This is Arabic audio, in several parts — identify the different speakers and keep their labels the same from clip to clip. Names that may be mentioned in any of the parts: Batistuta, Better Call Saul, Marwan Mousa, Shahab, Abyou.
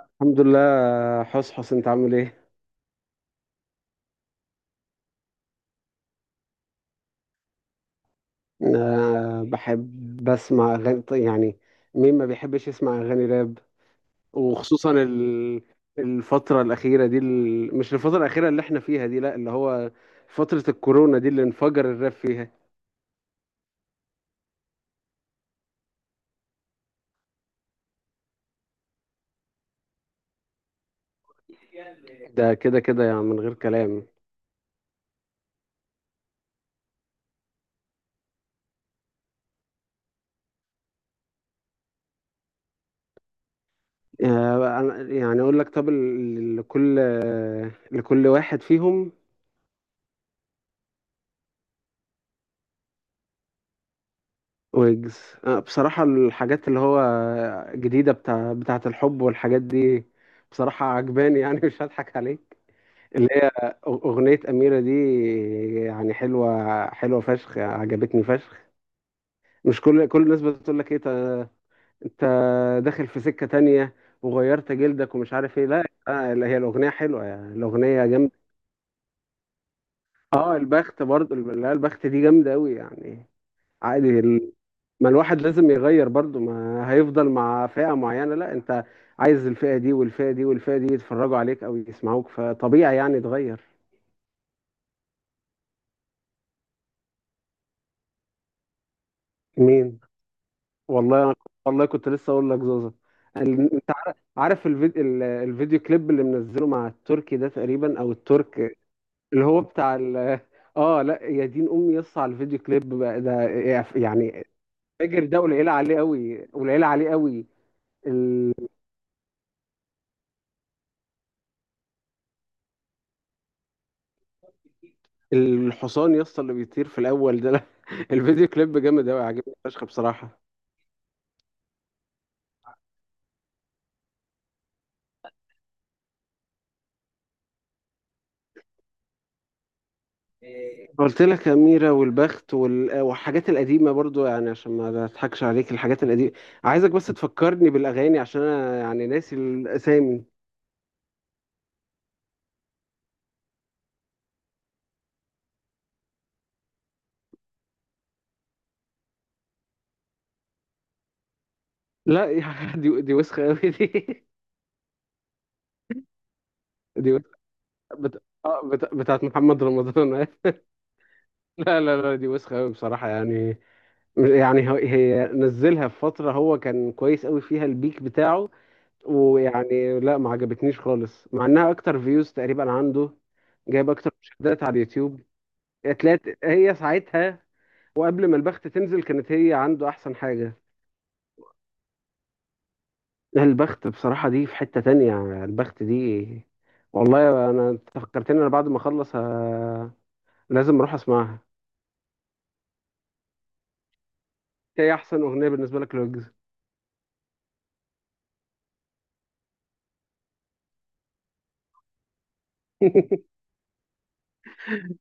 Speaker 1: الحمد لله. حس انت عامل ايه؟ أه بحب بسمع اغاني، طيب يعني مين ما بيحبش يسمع اغاني راب؟ وخصوصا الفترة الأخيرة دي مش الفترة الأخيرة اللي احنا فيها دي، لا، اللي هو فترة الكورونا دي اللي انفجر الراب فيها. ده كده كده يعني من غير كلام. يعني اقول لك، طب لكل لكل واحد فيهم. ويجز، بصراحة الحاجات اللي هو جديدة بتاعة الحب والحاجات دي بصراحة عجباني يعني مش هضحك عليك. اللي هي أغنية أميرة دي يعني حلوة، حلوة فشخ، عجبتني فشخ. مش كل الناس بتقول لك إيه أنت داخل في سكة تانية وغيرت جلدك ومش عارف إيه؟ لا آه، هي الأغنية حلوة، يعني الأغنية جامدة. أه البخت برضه، لا البخت دي جامدة أوي يعني. عادي، ما الواحد لازم يغير برضو، ما هيفضل مع فئة معينة. لا انت عايز الفئة دي والفئة دي والفئة دي يتفرجوا عليك او يسمعوك، فطبيعي يعني تغير. مين؟ والله أنا والله كنت لسه اقول لك زوزة. انت عارف الفيديو، الفيديو كليب اللي منزله مع التركي ده تقريبا او الترك، اللي هو بتاع ال، اه لا يا دين امي يص على الفيديو كليب بقى ده، يعني فاجر. ده قليله عليه قوي، قليله عليه قوي. الحصان يا اسطى اللي بيطير في الاول ده، لا، الفيديو كليب جامد قوي، عاجبني فشخ بصراحه. قلت لك اميره والبخت والحاجات القديمه برضو، يعني عشان ما اضحكش عليك الحاجات القديمه. عايزك بس تفكرني بالاغاني عشان انا يعني ناسي الاسامي. لا دي دي وسخه قوي دي. دي وسخة. بتاعت محمد رمضان لا لا لا دي وسخه قوي بصراحه يعني. يعني هي نزلها في فتره هو كان كويس قوي فيها، البيك بتاعه. ويعني لا ما عجبتنيش خالص، مع انها اكتر فيوز تقريبا عنده، جايب اكتر مشاهدات على اليوتيوب. اتلات هي ساعتها، وقبل ما البخت تنزل كانت هي عنده احسن حاجة. لا، البخت بصراحة دي في حتة تانية، البخت دي. والله انا، أنت فكرتني، انا بعد ما اخلص لازم اروح اسمعها. هي احسن اغنية بالنسبة لك لوجز؟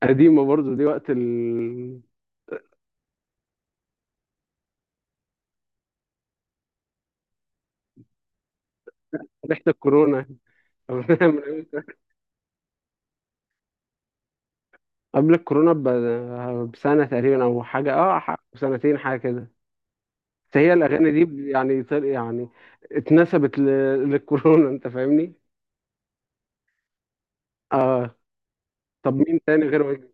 Speaker 1: قديمة برضو دي، وقت ريحة الكورونا. أغنية من قبل الكورونا بسنة تقريبا او حاجة، اه بسنتين حاجة كده. فهي الاغاني دي يعني يعني اتنسبت ل- للكورونا، انت فاهمني. اه. طب مين تاني غير وجدي؟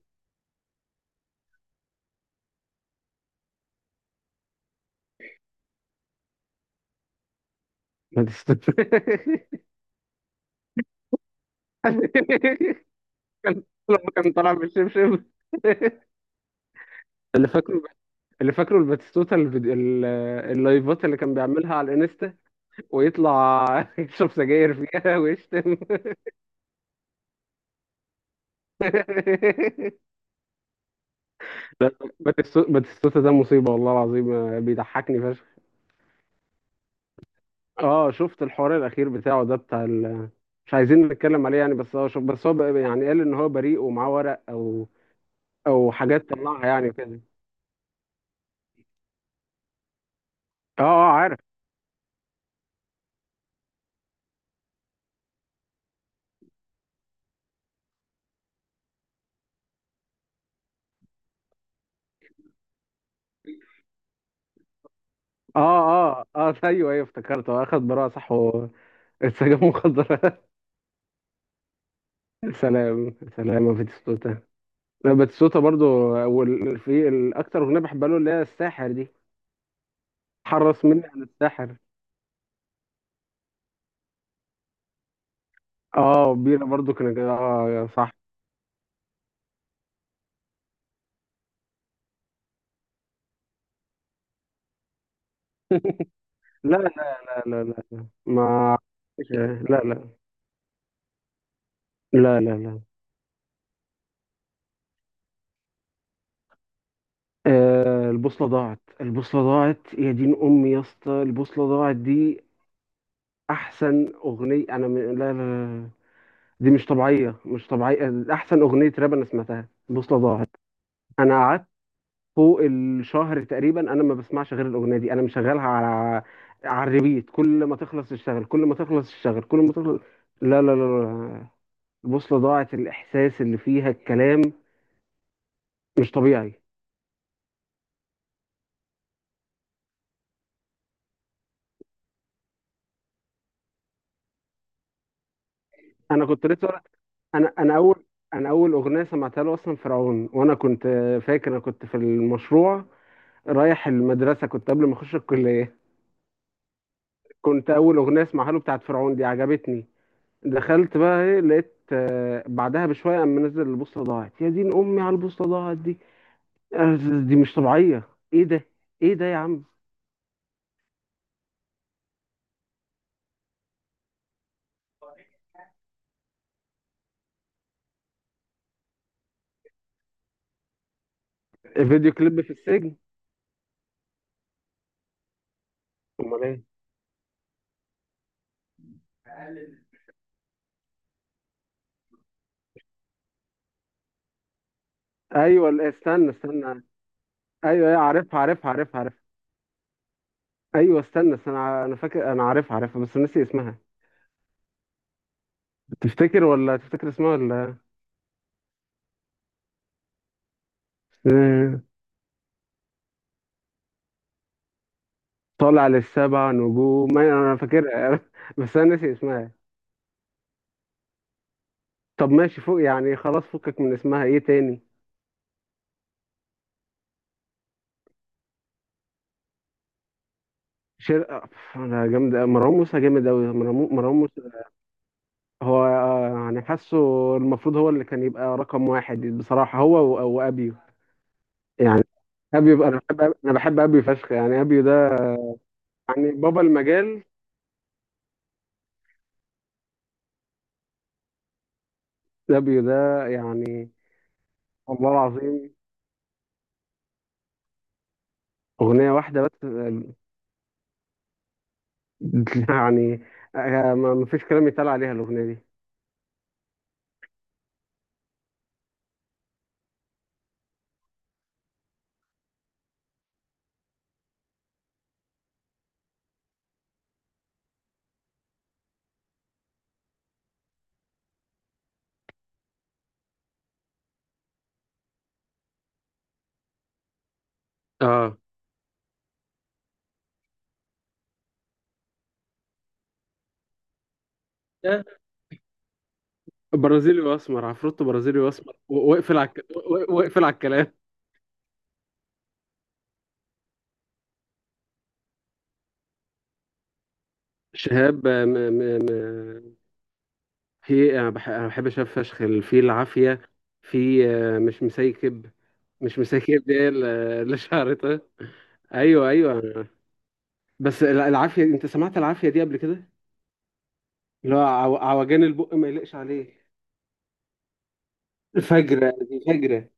Speaker 1: ما تست- كان لما كان طالع بالشبشب اللي فاكره، اللي فاكره الباتيستوتا، اللايفات اللي كان بيعملها على الانستا، ويطلع يشرب سجاير فيها ويشتم باتيستوتا ده مصيبة والله العظيم، بيضحكني. اه شفت الحوار الاخير بتاعه ده بتاع مش عايزين نتكلم عليه يعني، بس هو شوف، بس هو بقى يعني قال ان هو بريء ومعاه ورق او او حاجات طلعها يعني كده. اه اه عارف. اه اه ايوه افتكرته، هو اخد براءة صح واتسجن مخدرات. سلام سلام يا باتيستوتا. لا باتيستوتا برضو في الاكتر اغنيه بحبها له اللي هي الساحر دي، حرص مني عن الساحر. اه بينا برضو كان، اه يا صح. لا لا لا. ما لا لا لا. آه، البوصلة ضاعت، البوصلة ضاعت، يا دين أمي يا اسطى البوصلة ضاعت دي. أحسن أغنية أنا لا، لا لا، دي مش طبيعية، مش طبيعية. أحسن أغنية راب أنا سمعتها البوصلة ضاعت. أنا قعدت فوق الشهر تقريبا أنا ما بسمعش غير الأغنية دي، أنا مشغلها على على الريبيت، كل ما تخلص اشتغل كل ما تخلص اشتغل كل ما تخلص. لا. البوصلة ضاعت، الإحساس اللي فيها، الكلام مش طبيعي. أنا كنت لسه، انا اول، انا اول اغنيه سمعتها له اصلا فرعون، وانا كنت فاكر انا كنت في المشروع رايح المدرسه، كنت قبل ما اخش الكليه. كنت اول اغنيه اسمعها له بتاعت فرعون دي، عجبتني. دخلت بقى ايه، لقيت آه، بعدها بشويه قام منزل البوصله ضاعت، يا دين امي على البوصله ضاعت دي. آه، دي مش طبيعيه، ايه ده، ايه ده يا عم. فيديو كليب في السجن؟ امال ايه؟ ايوه لا، استنى استنى. ايوه عارفها عارفها عارفها. ايوه استنى استنى، انا فاكر انا عارفها عارفها، بس ناسي اسمها. تفتكر ولا تفتكر اسمها ولا؟ آه، طالع للسبع نجوم، ما انا فاكرها بس انا ناسي اسمها. طب ماشي فوق يعني خلاص، فكك من اسمها، ايه تاني؟ شر أف، انا جامد أوي. مروان موسى جامد قوي، مروان موسى هو آه، يعني حاسه المفروض هو اللي كان يبقى رقم واحد بصراحة، هو وابيو. يعني ابيو انا بحب ابيو فشخ، يعني ابيو ده يعني بابا المجال، ابيو ده يعني والله العظيم. اغنية واحدة بس؟ يعني آه، ما ما فيش كلام يتقال عليها الأغنية دي. اه برازيلي واسمر، عفروتو برازيلي واسمر واقفل على الكلام. شهاب آه، م... في إيه؟ انا أنا بحب شهاب فشخ في العافيه، في آه، مش مسيكب، مش مسيكب دي آه، اللي شعرتها. ايوه ايوه بس العافيه، انت سمعت العافيه دي قبل كده؟ اللي هو عوجان البق ما يليقش عليه، فجرة دي فجرة.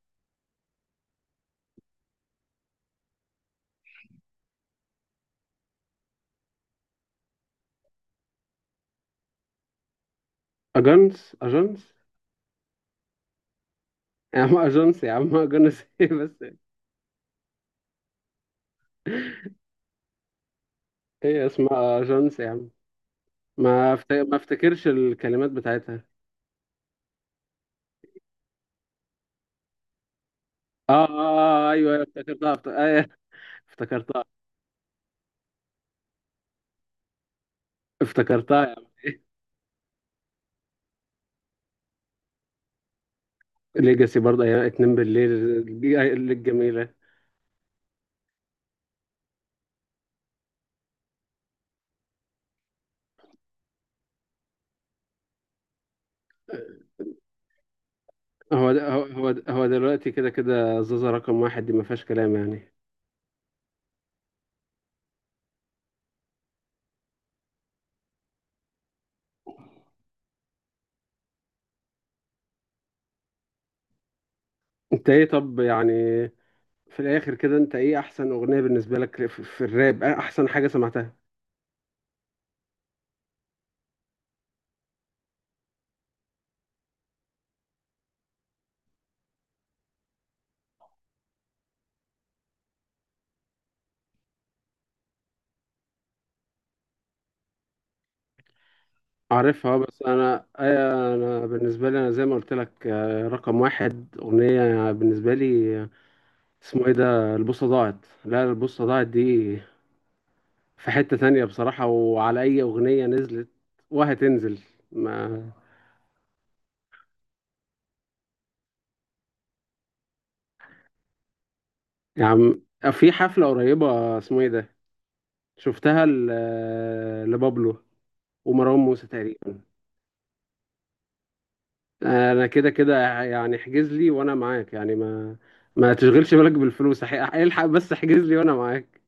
Speaker 1: أجنس، يا عم أجنس، يا عم أجنس إيه بس. ايه اسمها؟ جونس يا عم؟ ما افتكرش الكلمات بتاعتها. اه آه، ايوه أيوة، افتكرتها أيوة، افتكرتها، افتكرتها يا عم. ليجاسي برضه، ايام اتنين بالليل، الجميله. هو ده هو، هو ده هو دلوقتي، كده كده زازا رقم واحد دي ما فيهاش كلام يعني. انت ايه؟ طب يعني في الاخر كده، انت ايه احسن اغنيه بالنسبه لك في في الراب؟ إيه احسن حاجه سمعتها؟ عارفها بس انا أيوة، انا بالنسبه لي انا زي ما قلت لك آه، رقم واحد اغنيه بالنسبه لي، اسمه ايه ده، البوصة ضاعت. لا البوصة ضاعت دي في حتة تانية بصراحة، وعلى أي أغنية نزلت وهتنزل. ما يا عم، في حفلة قريبة اسمه ايه ده، شفتها لبابلو ومروان موسى تقريبا. أنا كده كده يعني، احجز لي وأنا معاك، يعني ما ما تشغلش بالك بالفلوس أح- الحق بس احجز لي وأنا معاك.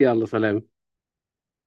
Speaker 1: يلا سلام.